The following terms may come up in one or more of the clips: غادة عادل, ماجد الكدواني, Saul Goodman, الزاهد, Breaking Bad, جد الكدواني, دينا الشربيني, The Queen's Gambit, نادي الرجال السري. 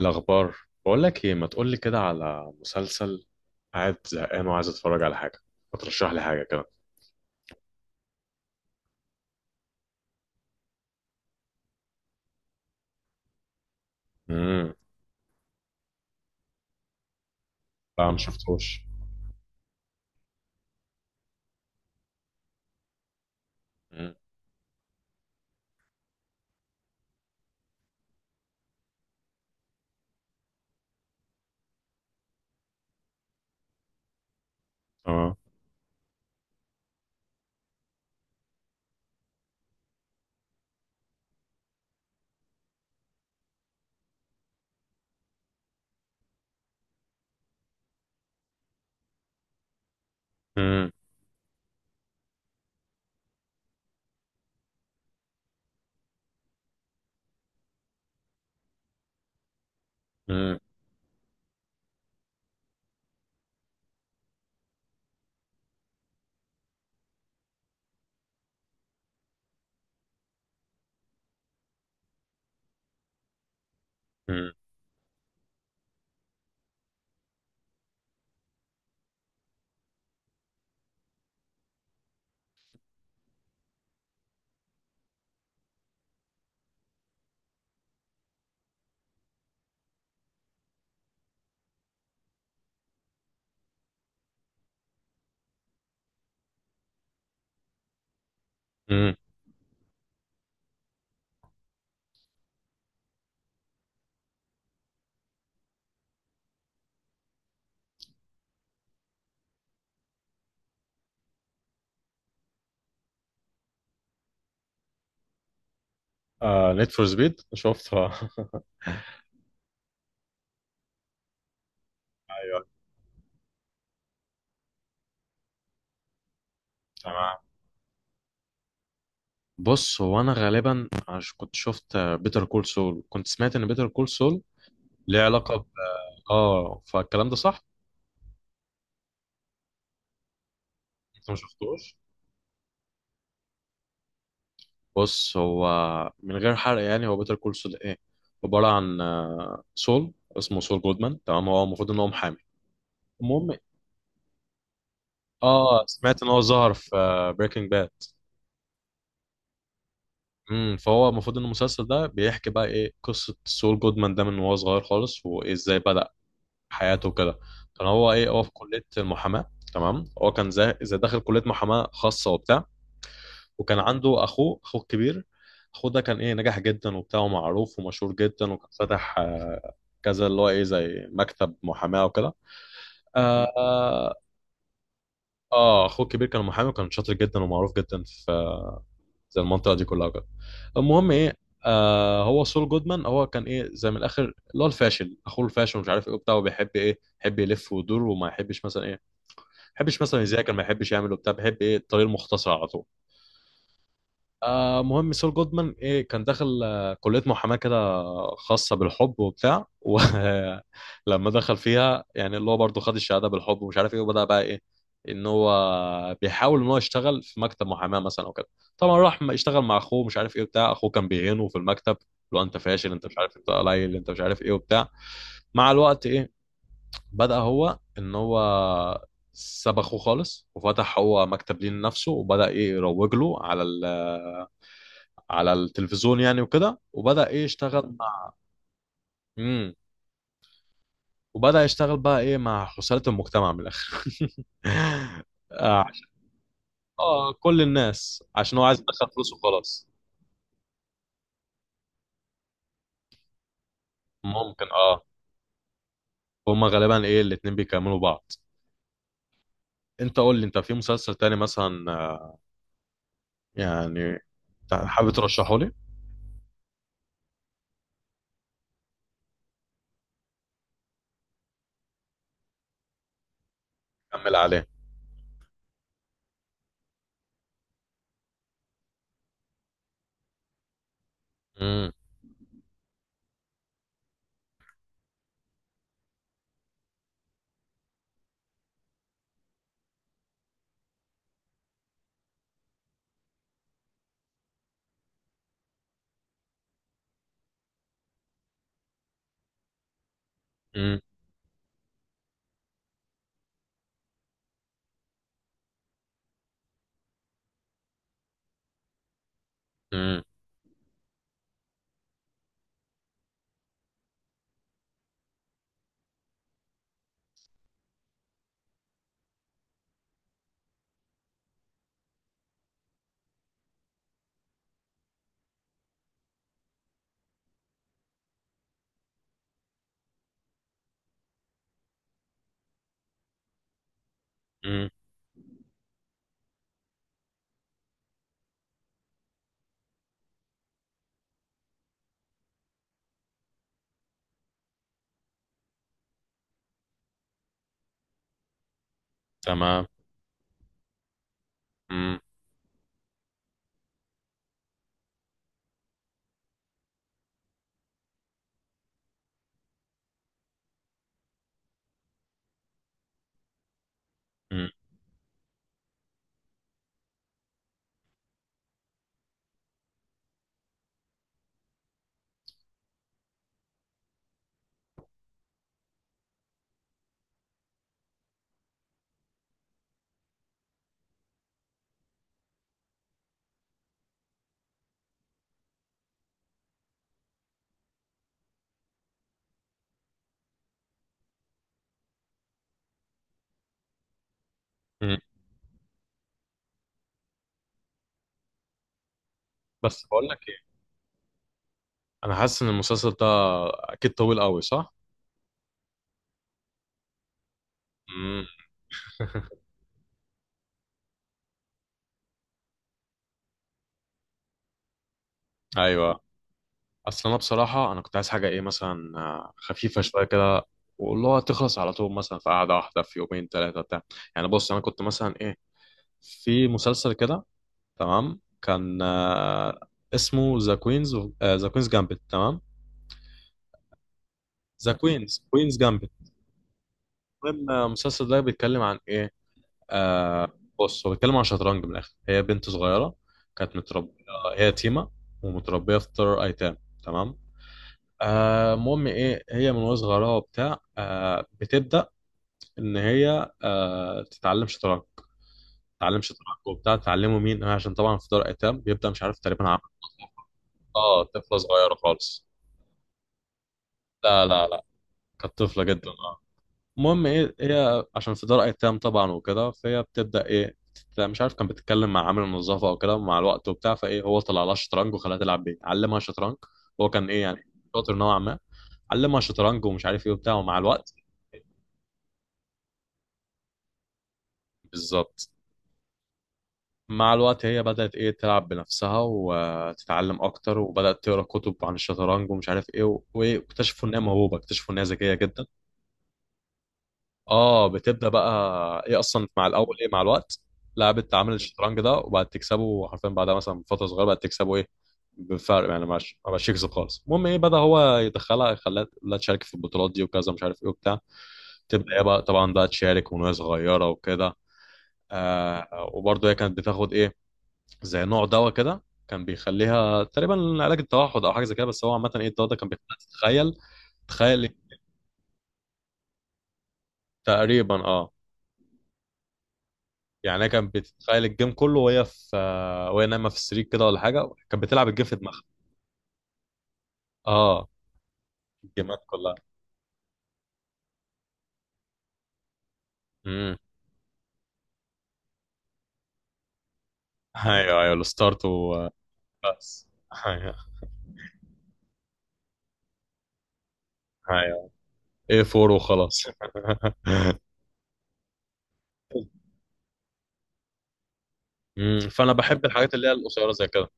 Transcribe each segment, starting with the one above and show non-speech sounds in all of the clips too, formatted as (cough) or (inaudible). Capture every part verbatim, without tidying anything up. الأخبار. بقول لك إيه، ما تقول لي كده على مسلسل؟ قاعد زهقان وعايز أتفرج على حاجة. ما ترشح لي حاجة كده؟ امم. لا، ما شفتوش. امم. اه. امم. امم. امم. امم. آه، نيد فور سبيد شفتها (laughs) ايوه. تمام. بص، هو انا غالبا عش كنت شفت بيتر كول سول، كنت سمعت ان بيتر كول سول ليه علاقة ب. اه، فالكلام ده صح. انت ما شفتوش؟ بص هو، من غير حرق يعني، هو بيتر كول سول ايه؟ عباره عن آه، سول. اسمه سول جودمان، تمام. هو المفروض ان هو محامي. المهم، اه، سمعت ان هو ظهر في بريكنج باد. امم فهو المفروض ان المسلسل ده بيحكي بقى ايه قصه سول جودمان ده من وهو صغير خالص، وازاي بدا حياته وكده. كان هو ايه، هو في كليه المحاماه. تمام. هو كان زي زي داخل كليه محاماه خاصه وبتاع، وكان عنده اخوه، اخوه الكبير. اخوه ده كان ايه، نجح جدا وبتاع ومعروف ومشهور جدا، وكان فاتح كذا اللي هو ايه زي مكتب محاماه وكده. آه اه آه، اخوه الكبير كان محامي وكان شاطر جدا ومعروف جدا في زي المنطقه دي كلها وكده. المهم ايه، آه هو سول جودمان هو كان ايه زي من الاخر اللي هو الفاشل، اخوه الفاشل ومش عارف ايه وبتاع، وبيحب ايه، يحب يلف ويدور وما يحبش مثلا ايه، ما يحبش مثلا يذاكر، ما يحبش يعمل وبتاع، بيحب ايه الطريق المختصر على طول. آه مهم، سول جودمان ايه كان داخل آه، كلية محاماة كده خاصة بالحب وبتاع، ولما (laughs) دخل فيها يعني، اللي هو برضه خد الشهادة بالحب ومش عارف ايه، وبدأ بقى ايه، ان هو بيحاول ان هو يشتغل في مكتب محاماة مثلا وكده. طبعا راح م- اشتغل مع اخوه مش عارف ايه وبتاع. اخوه كان بيهينه في المكتب: لو انت فاشل، انت مش عارف، انت قليل، انت مش عارف ايه وبتاع. مع الوقت ايه، بدأ هو ان هو ساب اخوه خالص وفتح هو مكتب ليه لنفسه، وبدأ ايه يروج له على على التلفزيون يعني وكده، وبدأ ايه يشتغل مع. امم. وبدأ يشتغل بقى ايه مع خسارة المجتمع من الآخر (laughs) آه، عشان- اه، كل الناس عشان هو عايز يدخل فلوسه وخلاص. ممكن. اه، هما غالبا ايه الاتنين بيكملوا بعض. انت قول لي انت في مسلسل تاني مثلا، آه، يعني تع- حابب ترشحه لي. كمل عليه. امم. امم. امم. امم. تمام. امم. امم. امم. بس بقول لك ايه، انا حاسس ان المسلسل ده اكيد طويل قوي، صح؟ امم. (laughs) ايوه. اصل انا بصراحه، انا كنت عايز حاجه ايه مثلا، آه، خفيفه شويه كده، واللي هو تخلص على طول مثلا في قعده واحده، في يومين ثلاثه بتاع. يعني بص، انا كنت مثلا ايه، في مسلسل كده تمام، كان آه، اسمه ذا كوينز ذا كوينز جامبت. تمام. ذا كوينز كوينز جامبت. المهم، آه، المسلسل ده بيتكلم عن ايه. آه بص، هو بيتكلم عن شطرنج من الاخر. هي بنت صغيره كانت متربيه، هي يتيمه ومتربيه في دار ايتام. تمام. آه، المهم ايه، هي من وهي صغيره وبتاع آه، بتبدا ان هي آه، تتعلم شطرنج. تتعلم شطرنج وبتاع. تعلمه مين؟ آه، عشان طبعا في دار ايتام، بيبدا مش عارف تقريبا عم اه، طفله صغيره خالص. لا لا لا، كانت طفله جدا. اه. المهم ايه، هي عشان في دار ايتام طبعا وكده، فهي بتبدا ايه تت- مش عارف، كان بتتكلم مع عامل النظافه او كده مع الوقت وبتاع، فايه هو طلع لها شطرنج وخلاها تلعب بيه، علمها شطرنج. هو كان ايه يعني شاطر نوعا ما. علمها شطرنج ومش عارف ايه وبتاع، ومع الوقت. بالظبط. مع الوقت هي بدأت ايه تلعب بنفسها وتتعلم اكتر، وبدأت تقرا كتب عن الشطرنج ومش عارف ايه و- وايه، واكتشفوا ان هي موهوبة، اكتشفوا ان هي ذكية جدا. اه. بتبدأ بقى ايه اصلا مع الاول ايه، مع الوقت لعبت تعامل الشطرنج ده وبقت تكسبه حرفيا، بعدها مثلا فترة صغيرة بقت تكسبه ايه بفرق، يعني ما بقاش ما بقاش يكسب خالص. المهم ايه، بدأ هو يدخلها، خلاها لا تشارك في البطولات دي وكذا، مش عارف ايه وبتاع. تبدأ ايه بقى طبعا بقى تشارك وهي صغيرة وكده. آه وبرضه هي كانت بتاخد ايه زي نوع دواء كده، كان بيخليها تقريبا علاج التوحد او حاجه زي كده. بس هو عامه ايه، الدواء ده كان بيخليها تتخيل، تخيل. تقريبا، اه. يعني هي كانت بتتخيل الجيم كله وهي في آه، وهي نايمه في السرير كده ولا حاجه، كانت بتلعب الجيم في دماغها. اه، الجيمات كلها. امم. ايوه ايوه الستارت و بس. ايوه ايوه ايه فور وخلاص (laughs) امم فانا بحب الحاجات اللي هي القصيره زي كده.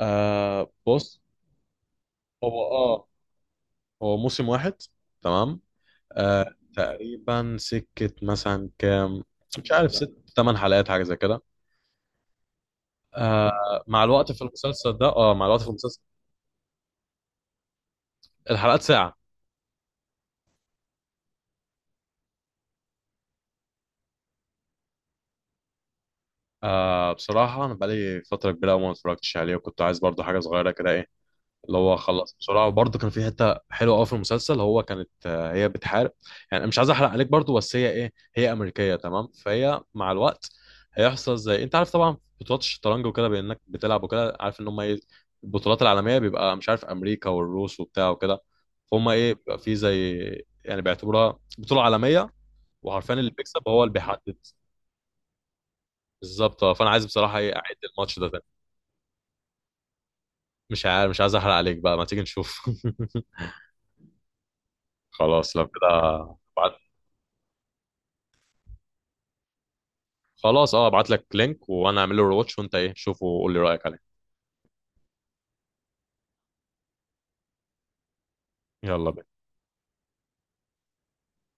آه بص، هو اه هو موسم واحد. تمام. آه تقريبا سكة مثلا كام، مش عارف، ست تمن حلقات حاجة زي كده. آه مع الوقت في المسلسل ده، اه مع الوقت في المسلسل الحلقات ساعة. آه بصراحة أنا بقالي فترة كبيرة أوي ما اتفرجتش عليه، وكنت عايز برضو حاجة صغيرة كده إيه اللي هو خلص بسرعه، وبرده كان في حته حلوه قوي في المسلسل. هو كانت آه، هي بتحارب. يعني أنا مش عايز احرق عليك برده، بس هي ايه، هي امريكيه تمام، فهي مع الوقت هيحصل زي انت عارف طبعا بطولات الشطرنج وكده، بانك بتلعب وكده، عارف ان هم ايه البطولات العالميه، بيبقى مش عارف امريكا والروس وبتاع وكده. فهم ايه بيبقى في زي، يعني بيعتبروها بطوله عالميه. وعارفين اللي بيكسب هو اللي بيحدد. بالظبط. آه، فانا عايز بصراحه ايه اعيد الماتش ده تاني. مش عارف، مش عايز احرق عليك بقى، ما تيجي نشوف (laughs) خلاص لو كده. خلاص، اه، ابعت لك لينك وانا اعمل له رواتش، وانت ايه شوفه وقول لي رايك عليه. يلا بينا.